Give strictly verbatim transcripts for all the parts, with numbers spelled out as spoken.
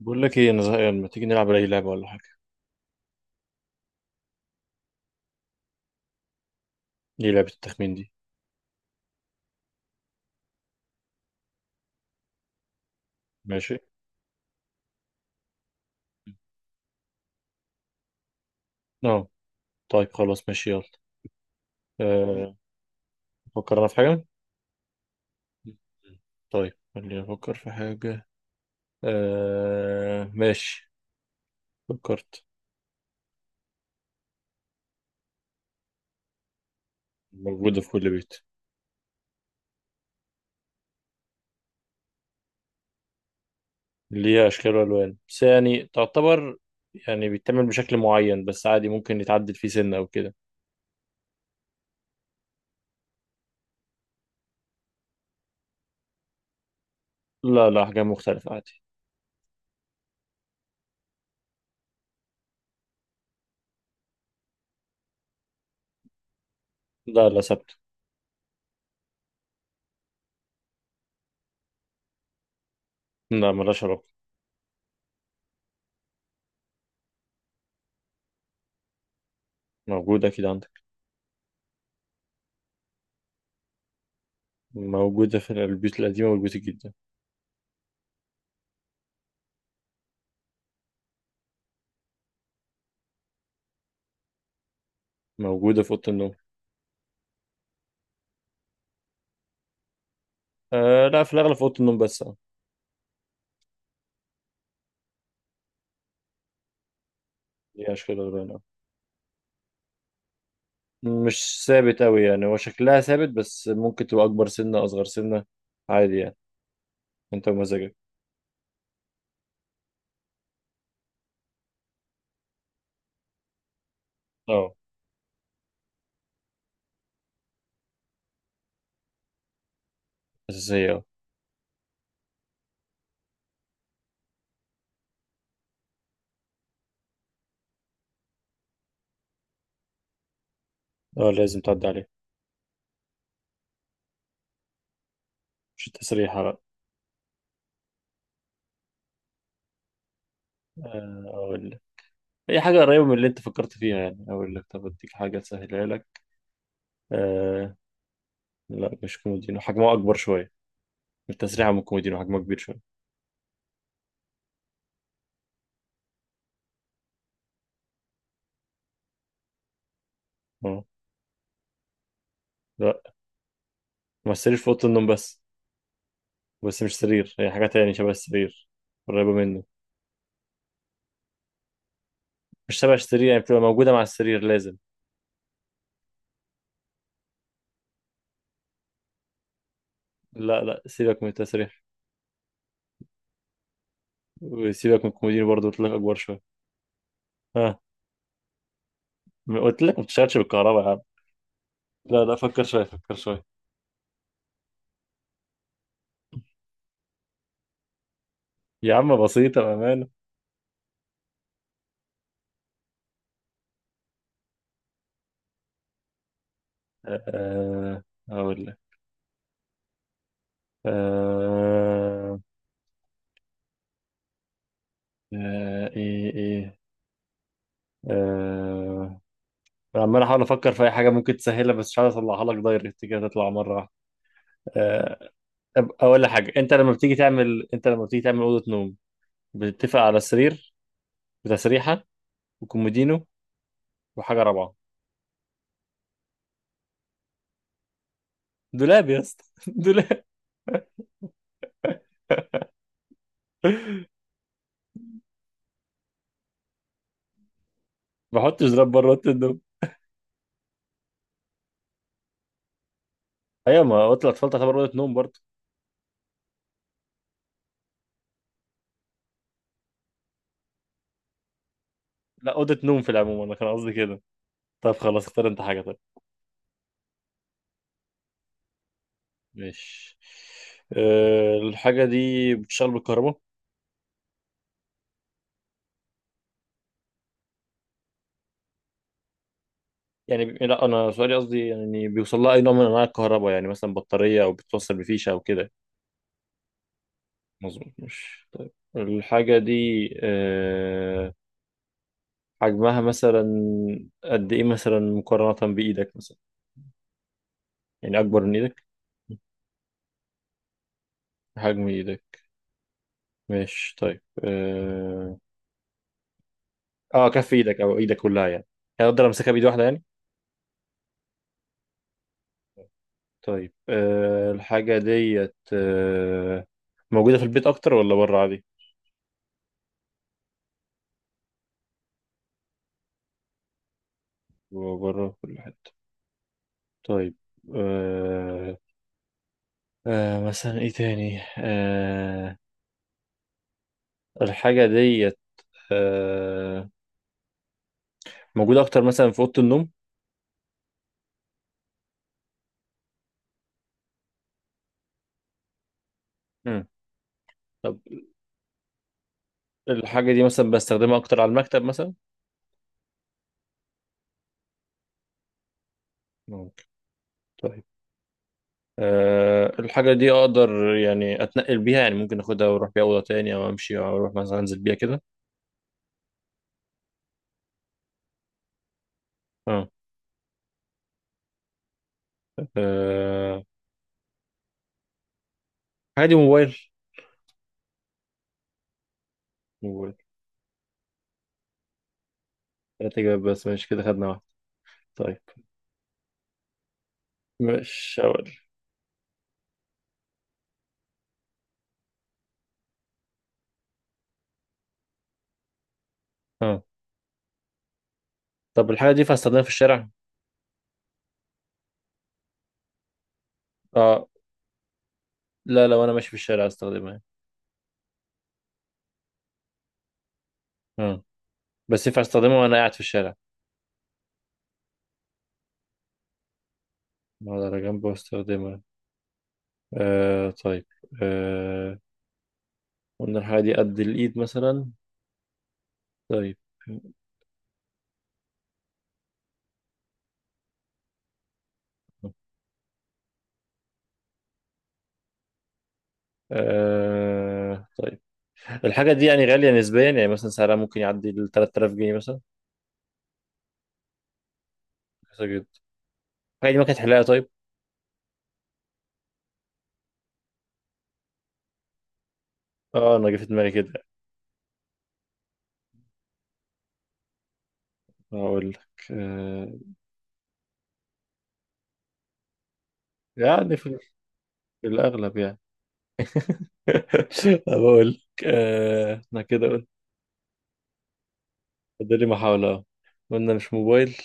بقول لك ايه، انا زهقان. ما تيجي نلعب اي لعبه ولا حاجه؟ دي لعبه التخمين دي؟ ماشي. اه طيب خلاص ماشي يلا. أه فكر انا في حاجه. طيب خليني افكر في حاجه. أه ماشي. فكرت. موجوده في كل بيت. ليها اشكال والوان بس يعني تعتبر، يعني بيتعمل بشكل معين بس عادي، ممكن يتعدل فيه سنه او كده. لا لا، حاجه مختلفه عادي. لا لا ثابته. لا، ملهاش علاقه. موجوده كده عندك. موجوده في البيوت القديمه والبيوت الجديده. موجوده في اوضه النوم. آه لا، في الأغلب في أوضة النوم بس، اه. هي أشكال الألوان اه. مش ثابت أوي، يعني هو شكلها ثابت بس ممكن تبقى أكبر سنة أصغر سنة، عادي يعني، أنت ومزاجك. اه أساسية اه. اه لازم تعدي عليها. مش تسريحة بقى. آه أقول لك، أي حاجة قريبة من اللي أنت فكرت فيها، يعني أقول لك طب أديك حاجة تسهلها لك. آه. لا مش كومودينو، حجمه أكبر شوية. التسريحة من الكومودينو حجمها كبير شوية. اه. لا. ما السرير في أوضة النوم بس. بس مش سرير، هي حاجة تاني شبه السرير. قريبة منه. مش تبع السرير، يعني بتبقى موجودة مع السرير لازم. لا لا، سيبك من التسريح. وسيبك من الكومودينو برضه، قلت لك أكبر شوية. ها. ما قلت لك ما بتشتغلش بالكهرباء يا عم. لا لا، فكر شوية فكر شوية. يا عم بسيطة بأمانة. أه آه، أقول لك. أه آه، إيه إيه أه عمال أحاول أفكر في أي حاجة ممكن تسهلها، بس مش عارف أطلعها لك دايركت كده تطلع مرة واحدة. آه، أب- أقول لك حاجة. أنت لما بتيجي تعمل أنت لما بتيجي تعمل أوضة نوم، بتتفق على السرير، بتسريحة، وكومودينو، وحاجه رابعه. دولاب يا اسطى دولاب. ما بحطش دولاب بره اوضه النوم. ايوه، ما اوضه الاطفال تعتبر اوضه نوم برضه. لا، اوضه نوم في العموم، انا كان قصدي كده. طب خلاص اختار انت حاجه طيب. ماشي. أه الحاجه دي بتشتغل بالكهرباء. يعني بي- لا انا سؤالي قصدي يعني بيوصل لها اي نوع من انواع الكهرباء، يعني مثلا بطاريه او بتوصل بفيشه او كده. مظبوط مش. طيب الحاجه دي، أه، حجمها مثلا قد ايه مثلا مقارنه بايدك مثلا؟ يعني اكبر من ايدك؟ حجم ايدك. ماشي طيب اه, آه كف ايدك او ايدك كلها يعني، يعني اقدر امسكها بايد واحده يعني. طيب آه الحاجه ديت آه موجوده في البيت اكتر ولا بره عادي؟ بره في كل حته. طيب. آه. آه مثلا ايه تاني آه الحاجه ديت، آه موجوده اكتر مثلا في اوضه النوم؟ مم. طب الحاجه دي مثلا بستخدمها اكتر على المكتب مثلا؟ ممكن. طيب. أه الحاجة دي أقدر يعني أتنقل بيها، يعني ممكن أخدها وأروح بيها أوضة تاني أو أمشي أو أروح مثلا أنزل بيها كده. أه. أه، الحاجة دي موبايل. موبايل. تلات إجابات بس، ماشي كده خدنا واحدة. طيب مش هقول. أه طب الحاجة دي ينفع أستخدمها في الشارع؟ أه لا، لو أنا ماشي في الشارع أستخدمها يعني. أه بس ينفع أستخدمها وأنا قاعد في الشارع؟ أقعد على جنبه وأستخدمها. أه طيب. أه قلنا الحاجة دي قد الإيد مثلا. طيب. أه طيب الحاجة دي يعني غالية نسبيا، يعني مثلا سعرها ممكن يعدي ال تلات آلاف جنيه مثلا؟ رخيصة جدا. الحاجة دي ما كانت حلاقة طيب؟ اه انا جه في دماغي كده. اقول لك آه. يعني في, في الاغلب يعني. بقول لك آه انا كده قلت. فاضل لي محاولة أهو. قلنا مش موبايل،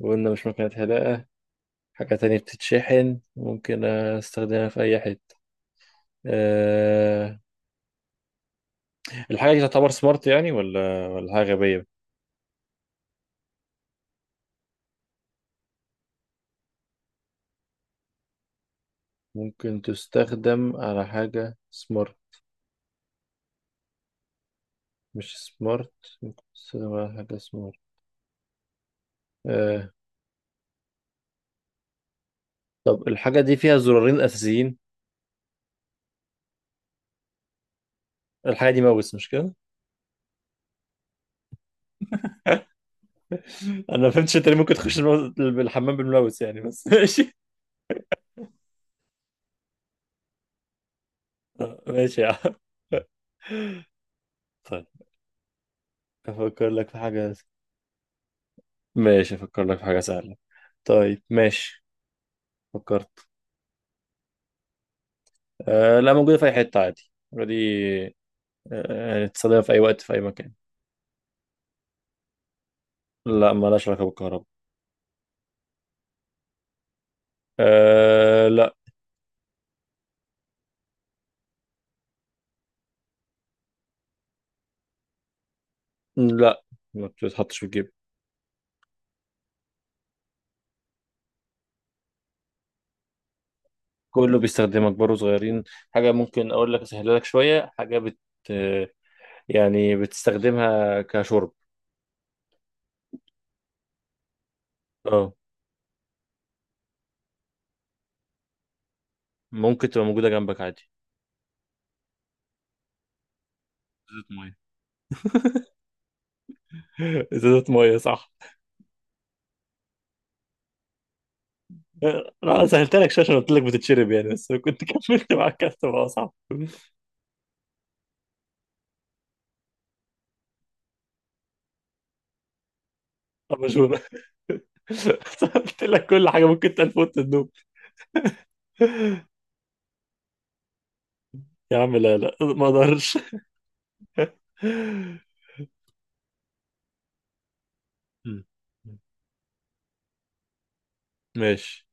وقلنا مش مكنة حلاقة. حاجة تانية بتتشحن ممكن استخدمها في أي حتة. أه... الحاجة دي تعتبر سمارت يعني ولا ولا حاجة غبية؟ ممكن تستخدم على حاجة سمارت، مش سمارت. سينما ولا حاجة سمارت. آه. طب الحاجة دي فيها زرارين أساسيين. الحاجة دي ماوس مش كده؟ أنا ما فهمتش أنت ليه ممكن تخش الماوس- الحمام بالماوس يعني بس ماشي. آه، ماشي يا عم. طيب أفكر لك في حاجة. ماشي أفكر لك في حاجة سهلة. طيب ماشي. فكرت. آه لا، موجودة في أي حتة عادي دي. آه يعني تستخدمها في أي وقت في أي مكان. لا، مالهاش علاقة بالكهرباء. آه لا. لا ما بتتحطش في الجيب. كله بيستخدمها، كبار وصغيرين. حاجة ممكن أقول لك أسهلها لك شوية، حاجة بت، يعني بتستخدمها كشرب. اه ممكن تبقى موجودة جنبك عادي. ازازة مية. ازازة مية صح. آه، انا سهلت لك شويه عشان قلت لك بتتشرب يعني، بس لو كنت كملت مع الكاست بقى صح. اباجوره. قلت لك كل حاجه ممكن تنفوت النوم. يا عم لا لا ما اقدرش. ماشي.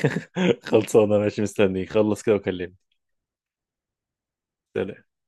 خلصانه ماشي، مستنيك خلص كده وكلمني. سلام.